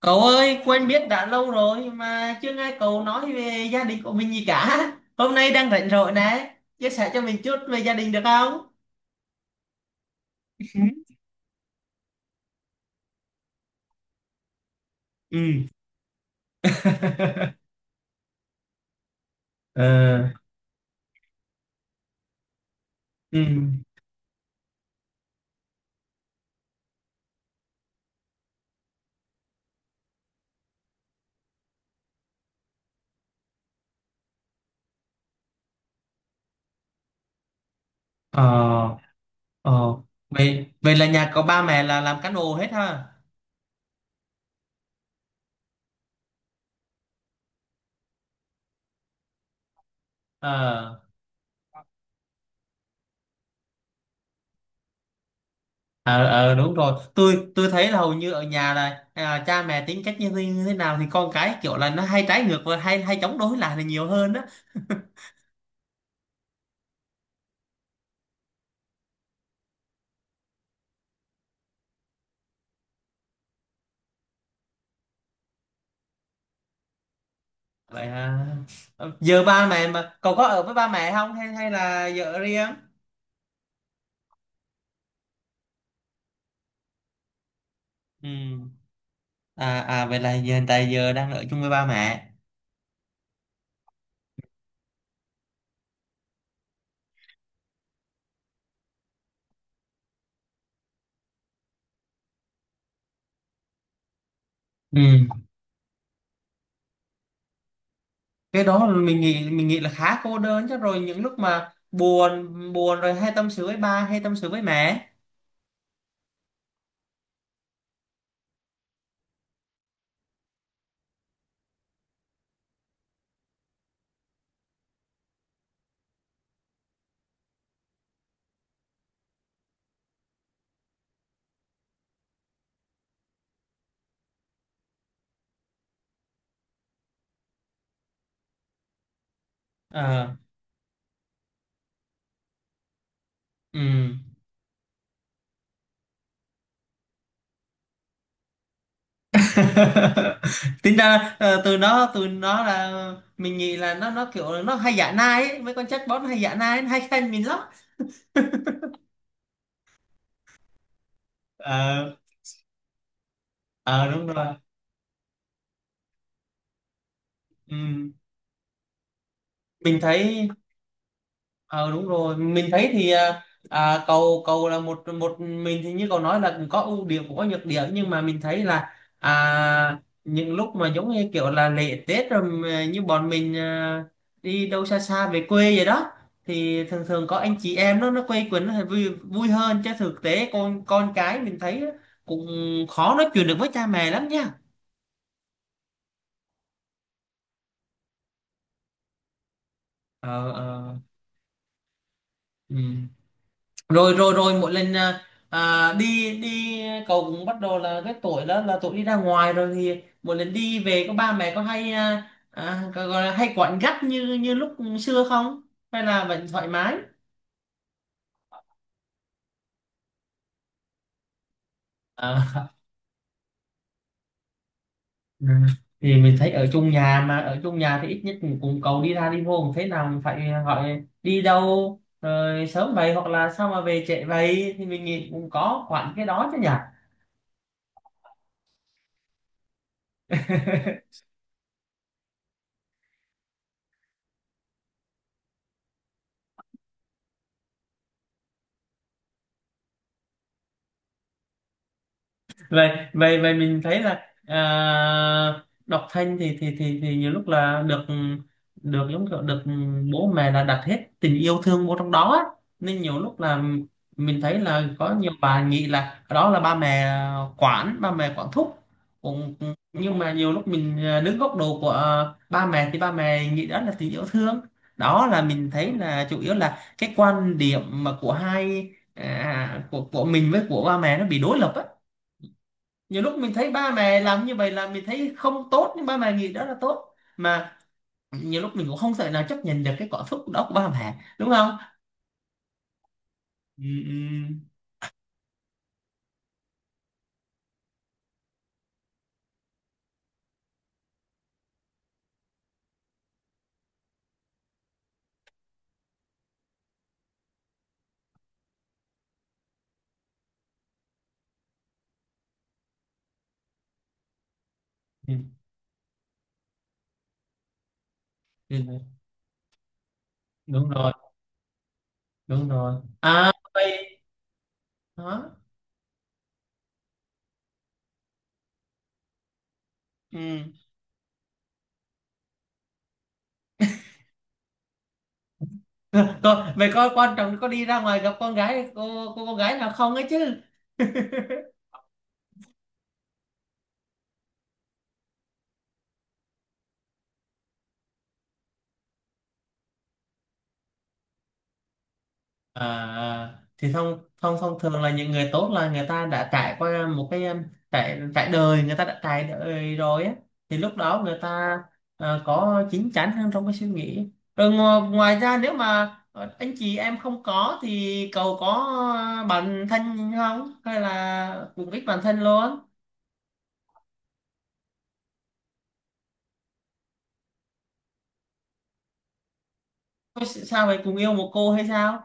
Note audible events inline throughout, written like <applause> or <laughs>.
Cậu ơi, quen biết đã lâu rồi mà chưa nghe cậu nói về gia đình của mình gì cả. Hôm nay đang rảnh rỗi nè, chia sẻ cho mình chút về gia đình được không? Ừ. <laughs> Ờ. Ừ. Ờ. Ờ. vậy vậy là nhà có ba mẹ là làm cán bộ hết ha? Ờ ờ ờ, đúng rồi, tôi thấy là hầu như ở nhà là cha mẹ tính cách như thế nào thì con cái kiểu là nó hay trái ngược và hay hay chống đối lại là nhiều hơn đó. Vậy hả? Ờ, giờ ba mẹ mà cậu có ở với ba mẹ không hay hay là giờ ở riêng? Ừ. Vậy là giờ hiện tại giờ đang ở chung với ba mẹ. Ừ. Cái đó là mình nghĩ là khá cô đơn chứ, rồi những lúc mà buồn buồn rồi hay tâm sự với ba hay tâm sự với mẹ. Ờ. Ừ. <laughs> Tính ra từ nó là mình nghĩ là nó kiểu là nó hay giả nai ấy. Mấy con chatbot nó hay giả nai, nó hay khen mình lắm. Ờ. Ờ, đúng rồi. Ừ. Mình thấy. Ờ, đúng rồi, mình thấy thì cầu cầu là một một mình thì như cậu nói là cũng có ưu điểm cũng có nhược điểm, nhưng mà mình thấy là những lúc mà giống như kiểu là lễ Tết rồi mà như bọn mình đi đâu xa xa về quê vậy đó thì thường thường có anh chị em nó quây quần nó vui vui hơn, chứ thực tế con cái mình thấy cũng khó nói chuyện được với cha mẹ lắm nha. Ờ. Ờ. Ừ. rồi rồi rồi mỗi lần đi đi cậu cũng bắt đầu là cái tuổi đó là tuổi đi ra ngoài rồi thì mỗi lần đi về có ba mẹ có hay gọi là hay quặn gắt như như lúc xưa không hay là vẫn thoải mái? Ờ. <laughs> Ừ. Thì mình thấy ở chung nhà mà ở chung nhà thì ít nhất cũng, cũng cậu đi ra đi vô cũng thế nào cũng phải hỏi đi đâu rồi sớm vậy hoặc là sao mà về trễ vậy thì mình nghĩ cũng có quặn cái đó chứ nhỉ. <laughs> vậy vậy vậy mình thấy là à, đọc thanh thì thì nhiều lúc là được, giống kiểu được bố mẹ là đặt hết tình yêu thương vô trong đó á. Nên nhiều lúc là mình thấy là có nhiều bà nghĩ là đó là ba mẹ quản, ba mẹ quản thúc cũng. Nhưng mà nhiều lúc mình đứng góc độ của ba mẹ thì ba mẹ nghĩ đó là tình yêu thương. Đó là mình thấy là chủ yếu là cái quan điểm mà của hai của mình với của ba mẹ nó bị đối lập á. Nhiều lúc mình thấy ba mẹ làm như vậy là mình thấy không tốt nhưng ba mẹ nghĩ đó là tốt mà. Nhiều lúc mình cũng không thể nào chấp nhận được cái cảm xúc đó của ba mẹ đúng không? Ừ. Ừ. Ừ. Ừ. Đúng rồi. Đúng rồi. À vậy đó. Ừ. <laughs> Cô, vậy có quan trọng có đi ra ngoài gặp con gái, cô con gái nào không ấy chứ? <laughs> À, à. Thì thông thông thông thường là những người tốt là người ta đã trải qua một cái trải trải đời, người ta đã trải đời rồi á. Thì lúc đó người ta có chín chắn hơn trong cái suy nghĩ. Rồi ngoài ra nếu mà anh chị em không có thì cậu có bạn thân không hay là cùng ít bạn thân luôn? Có sao vậy, cùng yêu một cô hay sao?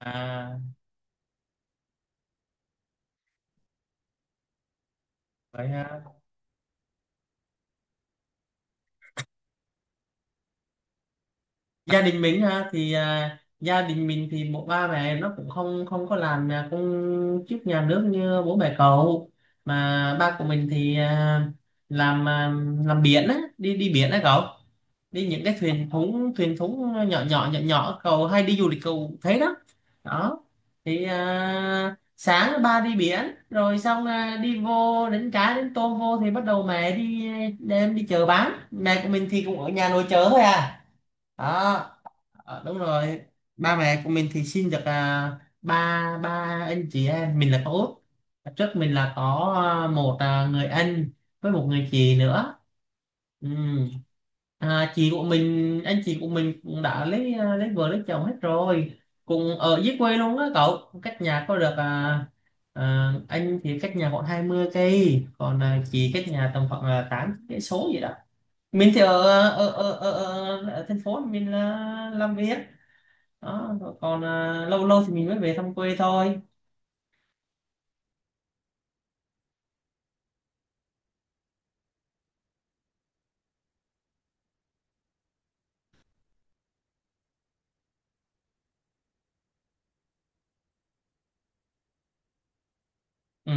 À vậy ha. Gia đình mình ha, thì gia đình mình thì một ba mẹ nó cũng không không có làm công chức nhà nước như bố mẹ cậu. Mà ba của mình thì làm làm biển á, đi đi biển á cậu, đi những cái thuyền thúng nhỏ nhỏ nhỏ nhỏ cậu hay đi du lịch cậu thấy đó. Đó, thì sáng ba đi biển rồi xong đi vô đánh cá đánh tôm vô thì bắt đầu mẹ đi đem đi chợ bán, mẹ của mình thì cũng ở nhà nội chợ thôi à. Đó. Ờ, đúng rồi. Ba mẹ của mình thì sinh được ba ba anh chị em, mình là có út. Hồi trước mình là có một người anh với một người chị nữa. Ừ. à, chị của mình anh chị của mình cũng đã lấy lấy vợ lấy chồng hết rồi, cùng ở dưới quê luôn á cậu, cách nhà có được anh thì cách nhà khoảng 20 cây, còn chị cách nhà tầm khoảng 8 cây số gì đó. Mình thì ở ở thành phố mình là làm việc. Đó. Rồi còn lâu lâu thì mình mới về thăm quê thôi. Ừ.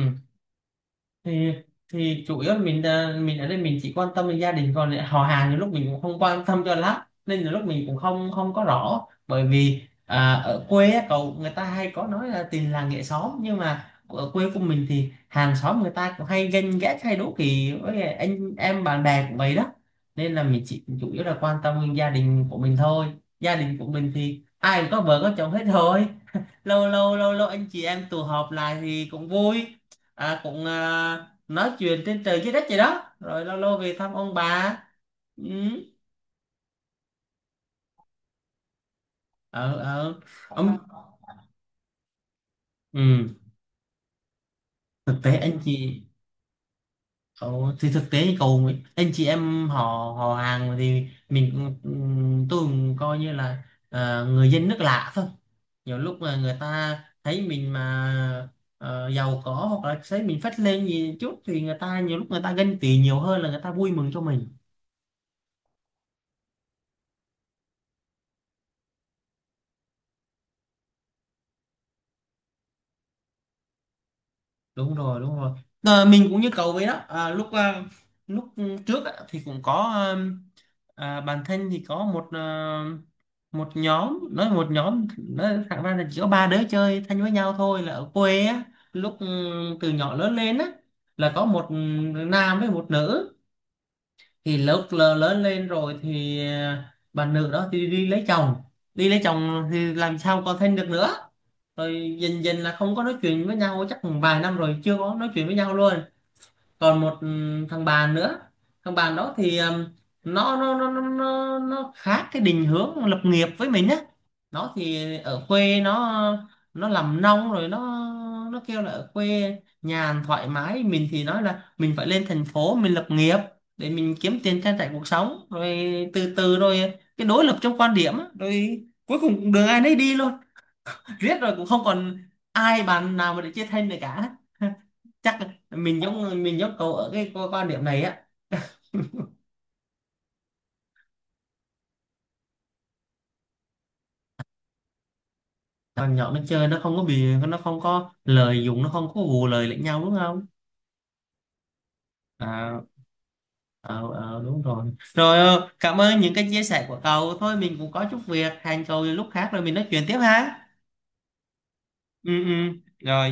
thì thì chủ yếu là mình mình ở đây mình chỉ quan tâm đến gia đình còn lại, họ hàng thì lúc mình cũng không quan tâm cho lắm nên là lúc mình cũng không không có rõ, bởi vì ở quê á cậu, người ta hay có nói là tình làng nghệ xóm nhưng mà ở quê của mình thì hàng xóm người ta cũng hay ganh ghét hay đố kỵ với anh em bạn bè của vậy đó. Nên là mình chỉ chủ yếu là quan tâm đến gia đình của mình thôi. Gia đình của mình thì ai cũng có vợ có chồng hết rồi, lâu lâu anh chị em tụ họp lại thì cũng vui, cũng nói chuyện trên trời dưới đất vậy đó, rồi lâu lâu về thăm ông bà. Ừ. Ờ. Ờ. Ông. Ừ. Thực tế anh chị. Ờ, thì thực tế như cậu, anh chị em họ họ hàng thì mình cũng- ừ, tôi cũng coi như là người dân nước lạ thôi. Nhiều lúc mà người ta thấy mình mà giàu có hoặc là thấy mình phất lên gì chút thì người ta nhiều lúc người ta ganh tị nhiều hơn là người ta vui mừng cho mình. Đúng rồi. Đúng rồi. Ờ, mình cũng như cậu vậy đó, lúc trước á, thì cũng có bản thân thì có một một nhóm nói, một nhóm nói thẳng ra là chỉ có ba đứa chơi thân với nhau thôi, là ở quê á. lúc ừ, từ nhỏ lớn lên á, là có một nam với một nữ. Thì lúc lớn lên rồi thì bà nữ đó thì đi lấy chồng, đi lấy chồng thì làm sao còn thân được nữa. Rồi dần dần là không có nói chuyện với nhau, chắc vài năm rồi chưa có nói chuyện với nhau luôn. Còn một thằng bạn nữa, thằng bạn đó thì nó khác cái định hướng lập nghiệp với mình á. Nó thì ở quê, nó làm nông rồi, nó kêu là ở quê nhàn thoải mái, mình thì nói là mình phải lên thành phố mình lập nghiệp để mình kiếm tiền trang trải cuộc sống. Rồi từ từ rồi cái đối lập trong quan điểm á, rồi cuối cùng đường ai nấy đi luôn. Riết rồi cũng không còn ai, bạn nào mà để chia thân được cả. Chắc mình giống cậu ở cái quan quan điểm này á. Thằng nhỏ nó chơi nó không có bị, nó không có lời dùng, nó không có vù lời lẫn nhau đúng không? À, ờ, ờ, đúng rồi. Rồi ờ, cảm ơn những cái chia sẻ của cậu, thôi mình cũng có chút việc, hẹn cậu lúc khác rồi mình nói chuyện tiếp ha. Ừ. Ừ. Rồi.